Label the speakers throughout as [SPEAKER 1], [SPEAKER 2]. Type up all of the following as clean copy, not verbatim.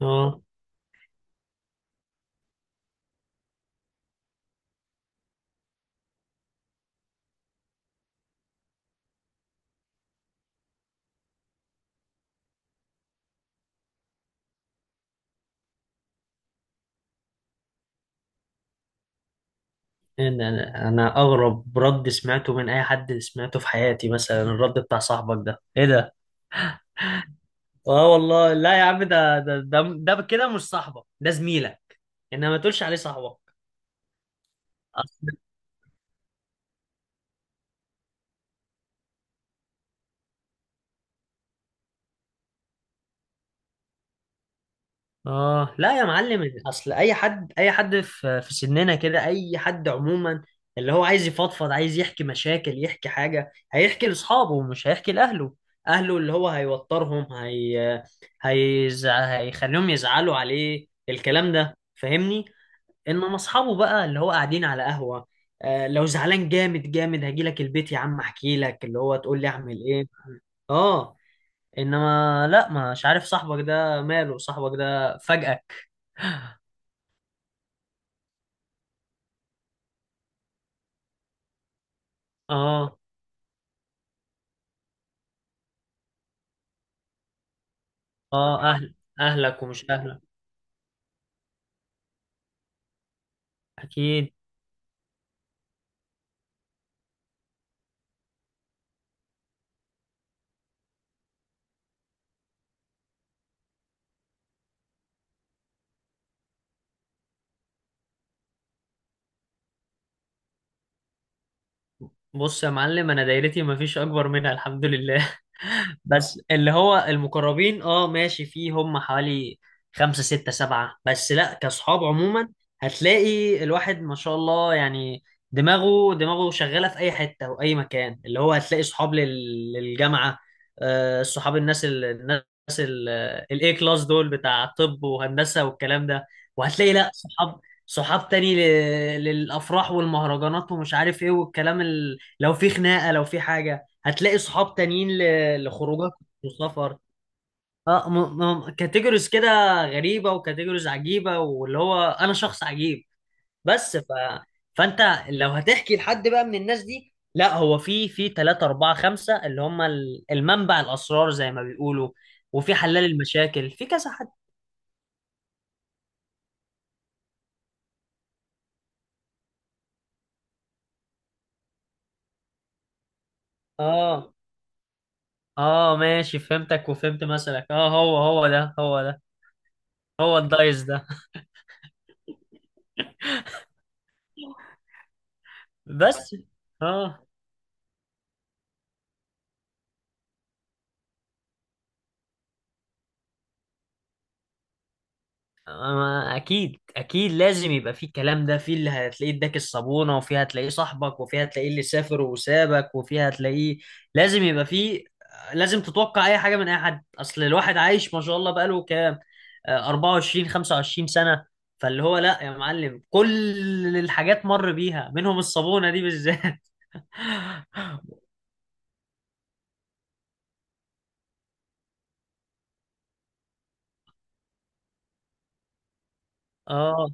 [SPEAKER 1] اه، إن انا اغرب رد سمعته من اي حد سمعته في حياتي. مثلا الرد بتاع صاحبك ده، ايه ده؟ اه والله لا يا عم. ده ده, كده مش صاحبك، ده زميلك. انما ما تقولش عليه صاحبك. اه، لا يا معلم. اصل اي حد في سننا كده، اي حد عموما اللي هو عايز يفضفض، عايز يحكي مشاكل، يحكي حاجه، هيحكي لاصحابه مش هيحكي لاهله. اهله اللي هو هيوترهم، هيخليهم يزعلوا عليه، الكلام ده فاهمني؟ انما اصحابه بقى اللي هو قاعدين على قهوه، لو زعلان جامد جامد هجيلك البيت يا عم، احكي لك اللي هو تقول لي اعمل ايه. اه، انما لا، مش عارف صاحبك ده ماله صاحبك ده فجأة. اه اه، اهلك ومش اهلك. اكيد. بص يا معلم، انا دايرتي ما فيش اكبر منها الحمد لله. بس اللي هو المقربين، ماشي، فيه هم حوالي خمسة ستة سبعة. بس لا، كصحاب عموما هتلاقي الواحد ما شاء الله يعني، دماغه شغالة في اي حتة واي مكان. اللي هو هتلاقي صحاب للجامعة، صحاب الناس، الناس الاي كلاس دول بتاع طب وهندسة والكلام ده. وهتلاقي لا صحاب تاني للأفراح والمهرجانات ومش عارف ايه والكلام. لو في خناقه، لو في حاجه هتلاقي صحاب تانيين لخروجك وسفر. اه م- كاتيجوريز كده غريبه، وكاتيجوريز عجيبه، واللي هو انا شخص عجيب. بس ف... فانت لو هتحكي لحد بقى من الناس دي، لا، هو في 3 4 5 اللي هم المنبع الاسرار زي ما بيقولوا. وفي حلال المشاكل في كذا حد. اه اه ماشي، فهمتك وفهمت مثلك. اه هو، هو ده، هو ده، هو الدايس ده. بس. اه، ما اكيد اكيد لازم يبقى فيه الكلام ده. فيه اللي هتلاقيه اداك الصابونه، وفيه هتلاقيه صاحبك، وفيه هتلاقيه اللي سافر وسابك، وفيه هتلاقيه، لازم يبقى فيه. لازم تتوقع اي حاجه من اي حد. اصل الواحد عايش ما شاء الله بقاله كام، 24 25 سنه. فاللي هو لا يا معلم، كل الحاجات مر بيها منهم، الصابونه دي بالذات. اه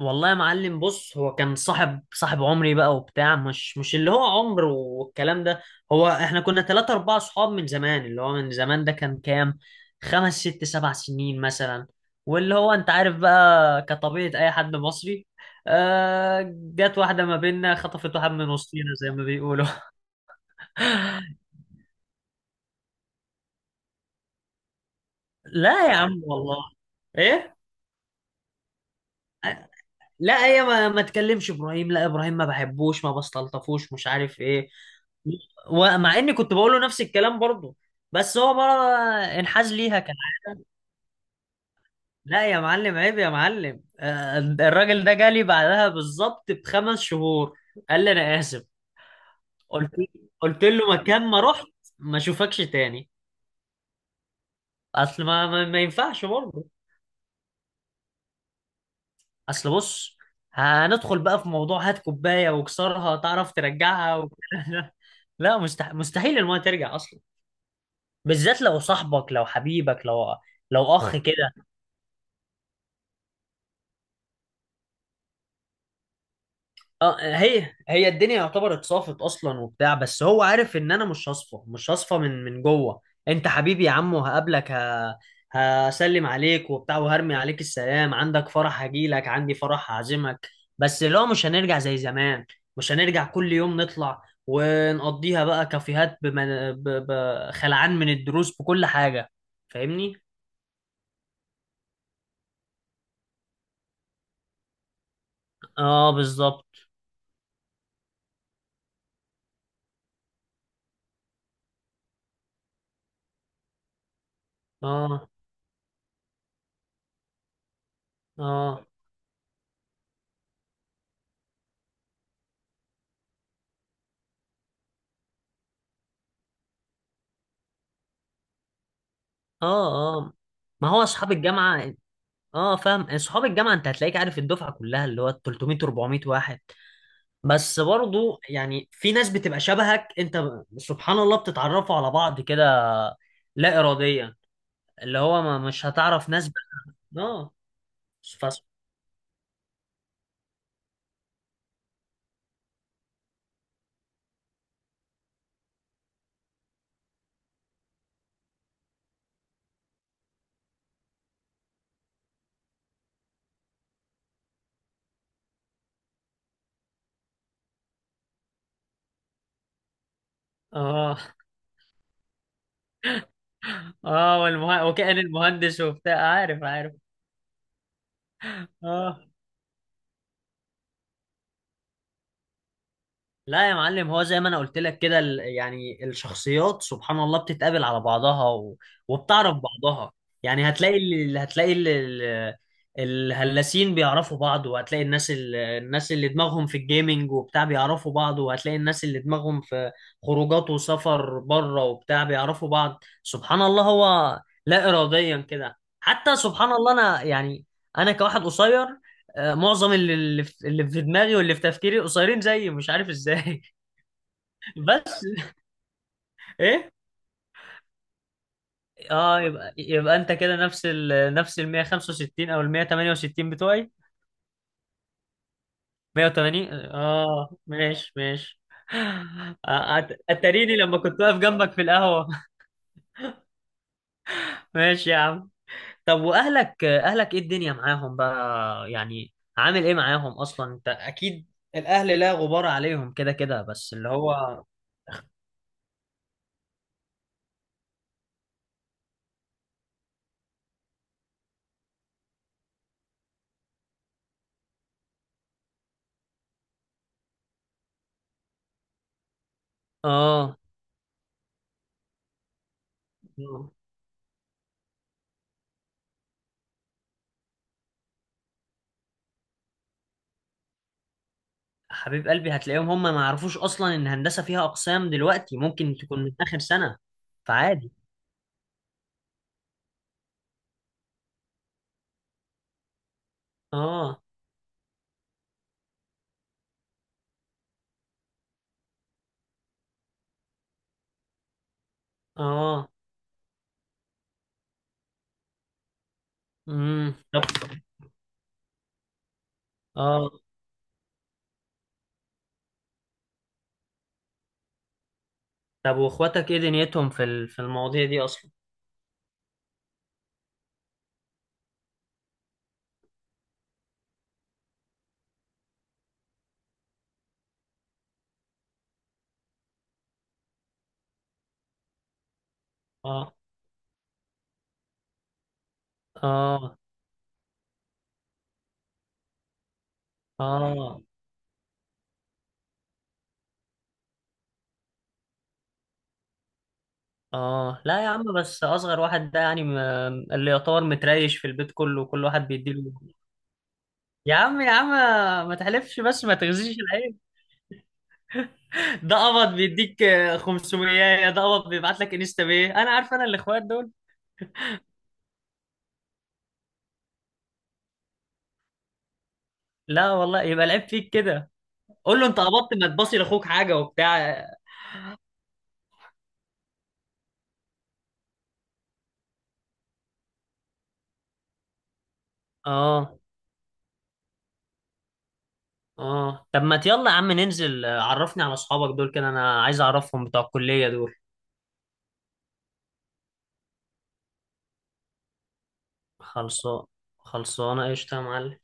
[SPEAKER 1] والله يا معلم بص، هو كان صاحب عمري بقى وبتاع، مش اللي هو عمر والكلام ده. هو احنا كنا ثلاثة أربعة صحاب من زمان، اللي هو من زمان ده كان كام، خمس ست سبع سنين مثلا. واللي هو انت عارف بقى كطبيعة أي حد مصري، جت واحدة ما بيننا خطفت واحد من وسطينا زي ما بيقولوا. لا يا عم والله، ايه. لا، هي ما تكلمش ابراهيم، لا ابراهيم ما بحبوش، ما بستلطفوش، مش عارف ايه. ومع اني كنت بقوله نفس الكلام برضه، بس هو بقى انحاز ليها كان. لا يا معلم، عيب يا معلم. الراجل ده جالي بعدها بالظبط بخمس شهور، قال لي انا اسف. قلت قلت له مكان ما رحت ما اشوفكش تاني. اصل ما ينفعش برضه. اصل بص، هندخل بقى في موضوع هات كوبايه واكسرها تعرف ترجعها لا مستحيل المايه ترجع اصلا، بالذات لو صاحبك، لو حبيبك، لو اخ كده. اه، هي الدنيا يعتبر اتصافت اصلا وبتاع، بس هو عارف ان انا مش هصفى، مش هصفى من جوه. انت حبيبي يا عم، وهقابلك هسلم عليك وبتاع، وهرمي عليك السلام، عندك فرح هجيلك، عندي فرح هعزمك. بس لو مش هنرجع زي زمان، مش هنرجع كل يوم نطلع ونقضيها بقى كافيهات خلعان من الدروس بكل حاجة، فاهمني؟ اه بالظبط، اه اه اه اه. ما هو اصحاب الجامعة. اه، فاهم صحاب الجامعه، انت هتلاقيك عارف الدفعه كلها اللي هو 300 400 واحد. بس برضو يعني في ناس بتبقى شبهك انت سبحان الله بتتعرفوا على بعض كده، لا اراديا. اللي هو ما مش هتعرف ناس اه، فس... اه اه، وكأن المهندس وبتاع، عارف عارف. اه لا يا معلم، هو زي ما انا قلت لك كده، يعني الشخصيات سبحان الله بتتقابل على بعضها وبتعرف بعضها. يعني هتلاقي اللي الهلاسين بيعرفوا بعض، وهتلاقي الناس الناس اللي دماغهم في الجيمينج وبتاع بيعرفوا بعض، وهتلاقي الناس اللي دماغهم في خروجات وسفر بره وبتاع بيعرفوا بعض. سبحان الله هو لا إراديا كده. حتى سبحان الله انا يعني، انا كواحد قصير، معظم اللي في دماغي واللي في تفكيري قصيرين زيي، مش عارف ازاي. بس ايه. اه، يبقى انت كده نفس ال 165 او ال 168 بتوعي. 180، اه ماشي ماشي. اتريني لما كنت واقف جنبك في القهوة. ماشي يا عم. طب واهلك ايه الدنيا معاهم بقى يعني؟ عامل ايه معاهم اصلا؟ انت اكيد الاهل لا غبار عليهم كده كده، بس اللي هو. اه، آه. حبيب قلبي هتلاقيهم هم ما يعرفوش اصلا ان هندسه فيها اقسام، دلوقتي ممكن تكون من اخر سنه. فعادي. اه اه، طب. اه، طب واخواتك ايه دنيتهم في المواضيع دي اصلا؟ اه اه اه اه. لا يا عم بس اصغر واحد ده يعني اللي يعتبر متريش في البيت كله، كل واحد بيديله. يا عم يا عم ما تحلفش، بس ما تغزيش العين. ده قبض بيديك، 500 ده قبض، بيبعت لك انستا بيه، انا عارف انا، الاخوات دول. لا والله يبقى العيب فيك كده. قول له انت قبضت ما تباصي لاخوك حاجه وبتاع. اه اه، طب ما يلا يا عم ننزل. عرفني على اصحابك دول كده، انا عايز اعرفهم بتوع الكليه دول. خلصان. خلصانه قشطه يا معلم.